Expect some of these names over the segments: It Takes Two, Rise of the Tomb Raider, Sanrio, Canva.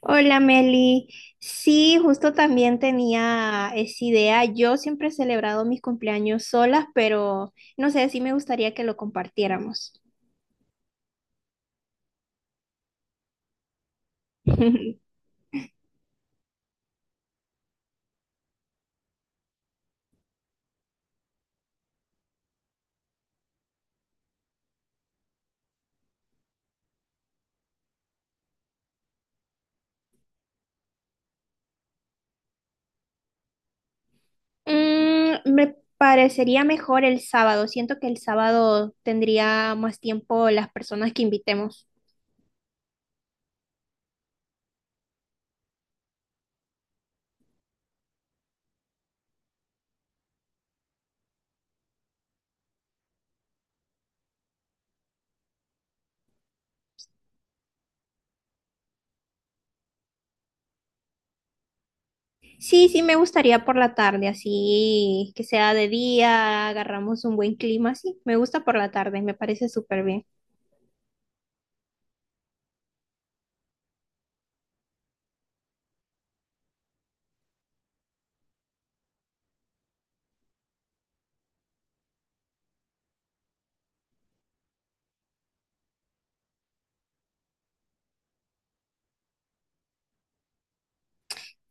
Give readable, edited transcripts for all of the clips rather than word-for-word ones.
Hola Meli, sí, justo también tenía esa idea. Yo siempre he celebrado mis cumpleaños solas, pero no sé, sí me gustaría que lo compartiéramos. Me parecería mejor el sábado. Siento que el sábado tendría más tiempo las personas que invitemos. Sí, sí, me gustaría por la tarde, así que sea de día, agarramos un buen clima, sí, me gusta por la tarde, me parece súper bien.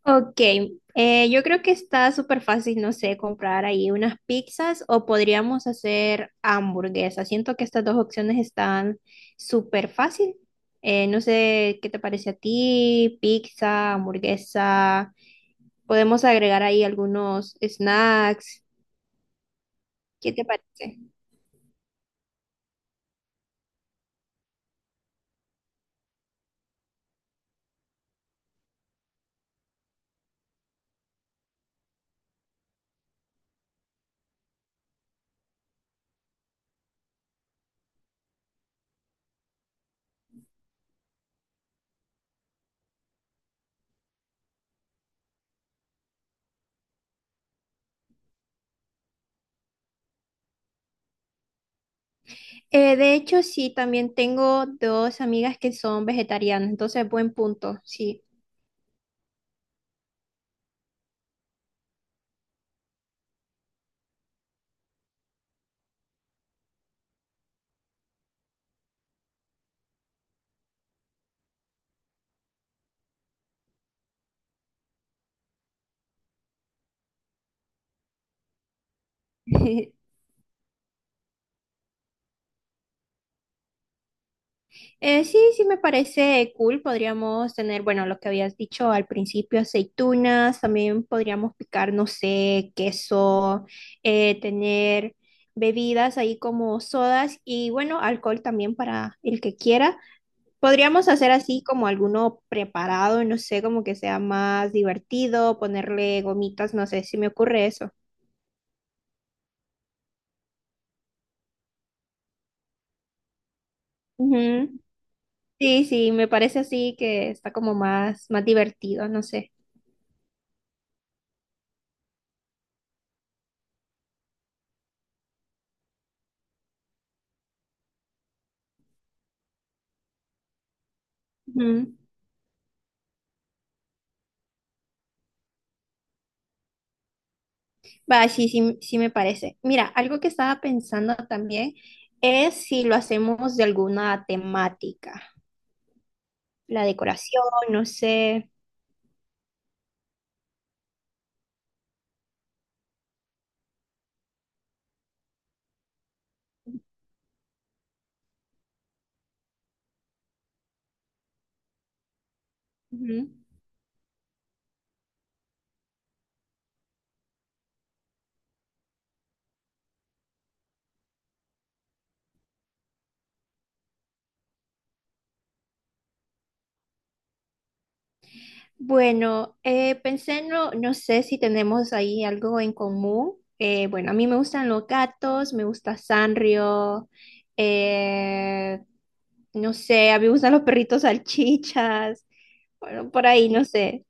Ok, yo creo que está súper fácil, no sé, comprar ahí unas pizzas o podríamos hacer hamburguesas. Siento que estas dos opciones están súper fácil. No sé qué te parece a ti, pizza, hamburguesa. Podemos agregar ahí algunos snacks. ¿Qué te parece? De hecho, sí, también tengo dos amigas que son vegetarianas, entonces buen punto, sí. Sí, sí me parece cool. Podríamos tener, bueno, lo que habías dicho al principio, aceitunas, también podríamos picar, no sé, queso, tener bebidas ahí como sodas y bueno, alcohol también para el que quiera. Podríamos hacer así como alguno preparado, no sé, como que sea más divertido, ponerle gomitas, no sé si me ocurre eso. Ujú. Sí, sí, me parece así que está como más divertido, no sé. Ujú. Va, sí, sí, sí me parece. Mira, algo que estaba pensando también es si lo hacemos de alguna temática, la decoración, no sé. Ujú. Bueno, pensé, no, no sé si tenemos ahí algo en común. Bueno, a mí me gustan los gatos, me gusta Sanrio, eh, no sé, a mí me gustan los perritos salchichas, bueno, por ahí, no sé.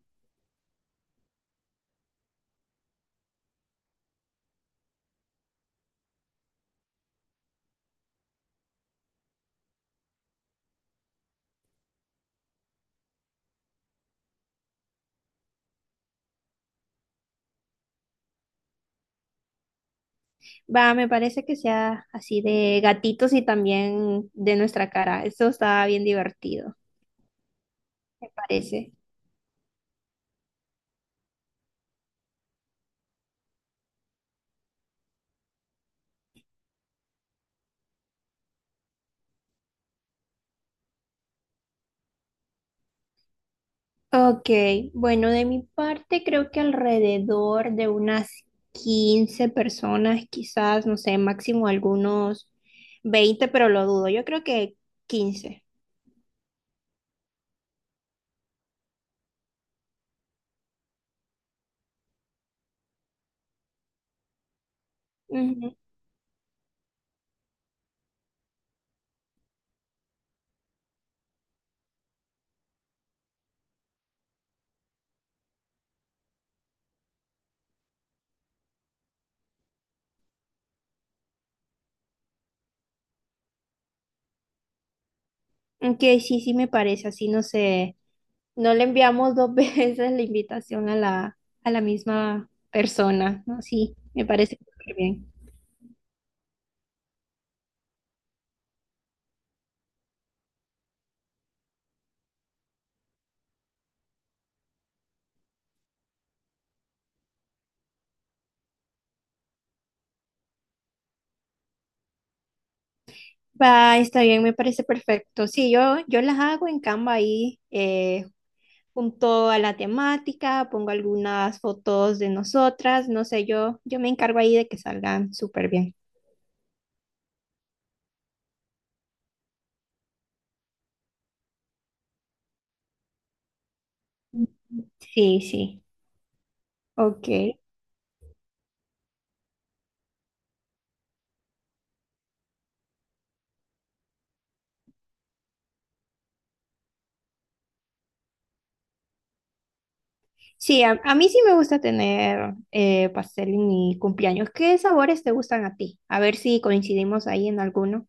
Va, me parece que sea así de gatitos y también de nuestra cara. Eso está bien divertido, me parece. Ok, bueno, de mi parte creo que alrededor de unas 15 personas, quizás, no sé, máximo algunos 20 pero lo dudo. Yo creo que 15. Ujú. Ok, sí, sí me parece, así no sé. No le enviamos dos veces la invitación a a la misma persona, ¿no? Sí, me parece súper bien. Va, está bien, me parece perfecto. Sí, yo las hago en Canva ahí, junto a la temática, pongo algunas fotos de nosotras, no sé, yo me encargo ahí de que salgan súper bien. Sí, sí, ok. Sí, a mí sí me gusta tener pastel en mi cumpleaños. ¿Qué sabores te gustan a ti? A ver si coincidimos ahí en alguno.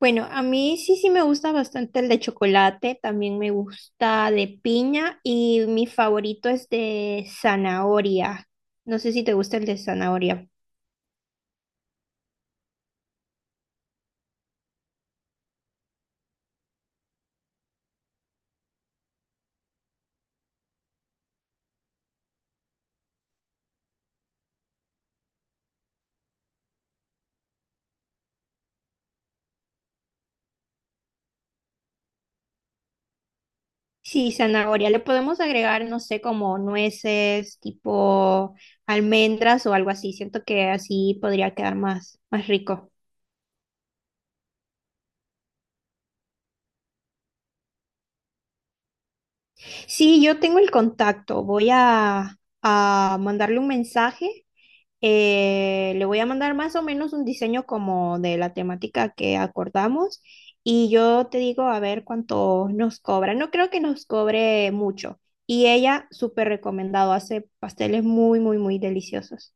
Bueno, a mí sí, sí me gusta bastante el de chocolate, también me gusta de piña y mi favorito es de zanahoria. No sé si te gusta el de zanahoria. Sí, zanahoria. Le podemos agregar, no sé, como nueces, tipo almendras o algo así. Siento que así podría quedar más rico. Sí, yo tengo el contacto. A mandarle un mensaje. Le voy a mandar más o menos un diseño como de la temática que acordamos y yo te digo a ver cuánto nos cobra. No creo que nos cobre mucho. Y ella, súper recomendado, hace pasteles muy deliciosos.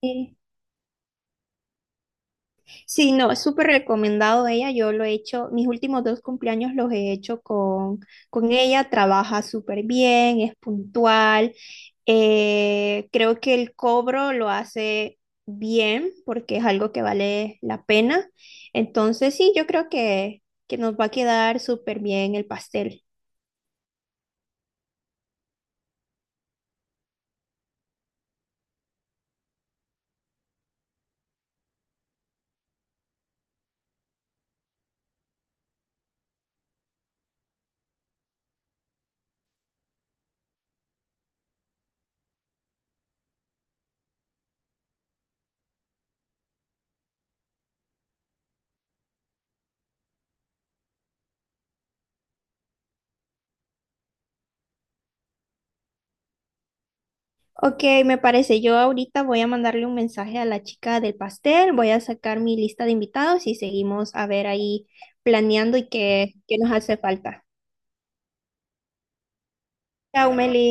Sí. Sí, no, es súper recomendado ella. Yo lo he hecho, mis últimos dos cumpleaños los he hecho con ella. Trabaja súper bien, es puntual. Creo que el cobro lo hace bien porque es algo que vale la pena. Entonces, sí, yo creo que nos va a quedar súper bien el pastel. Ok, me parece. Yo ahorita voy a mandarle un mensaje a la chica del pastel, voy a sacar mi lista de invitados y seguimos a ver ahí planeando y qué nos hace falta. Chao, Meli.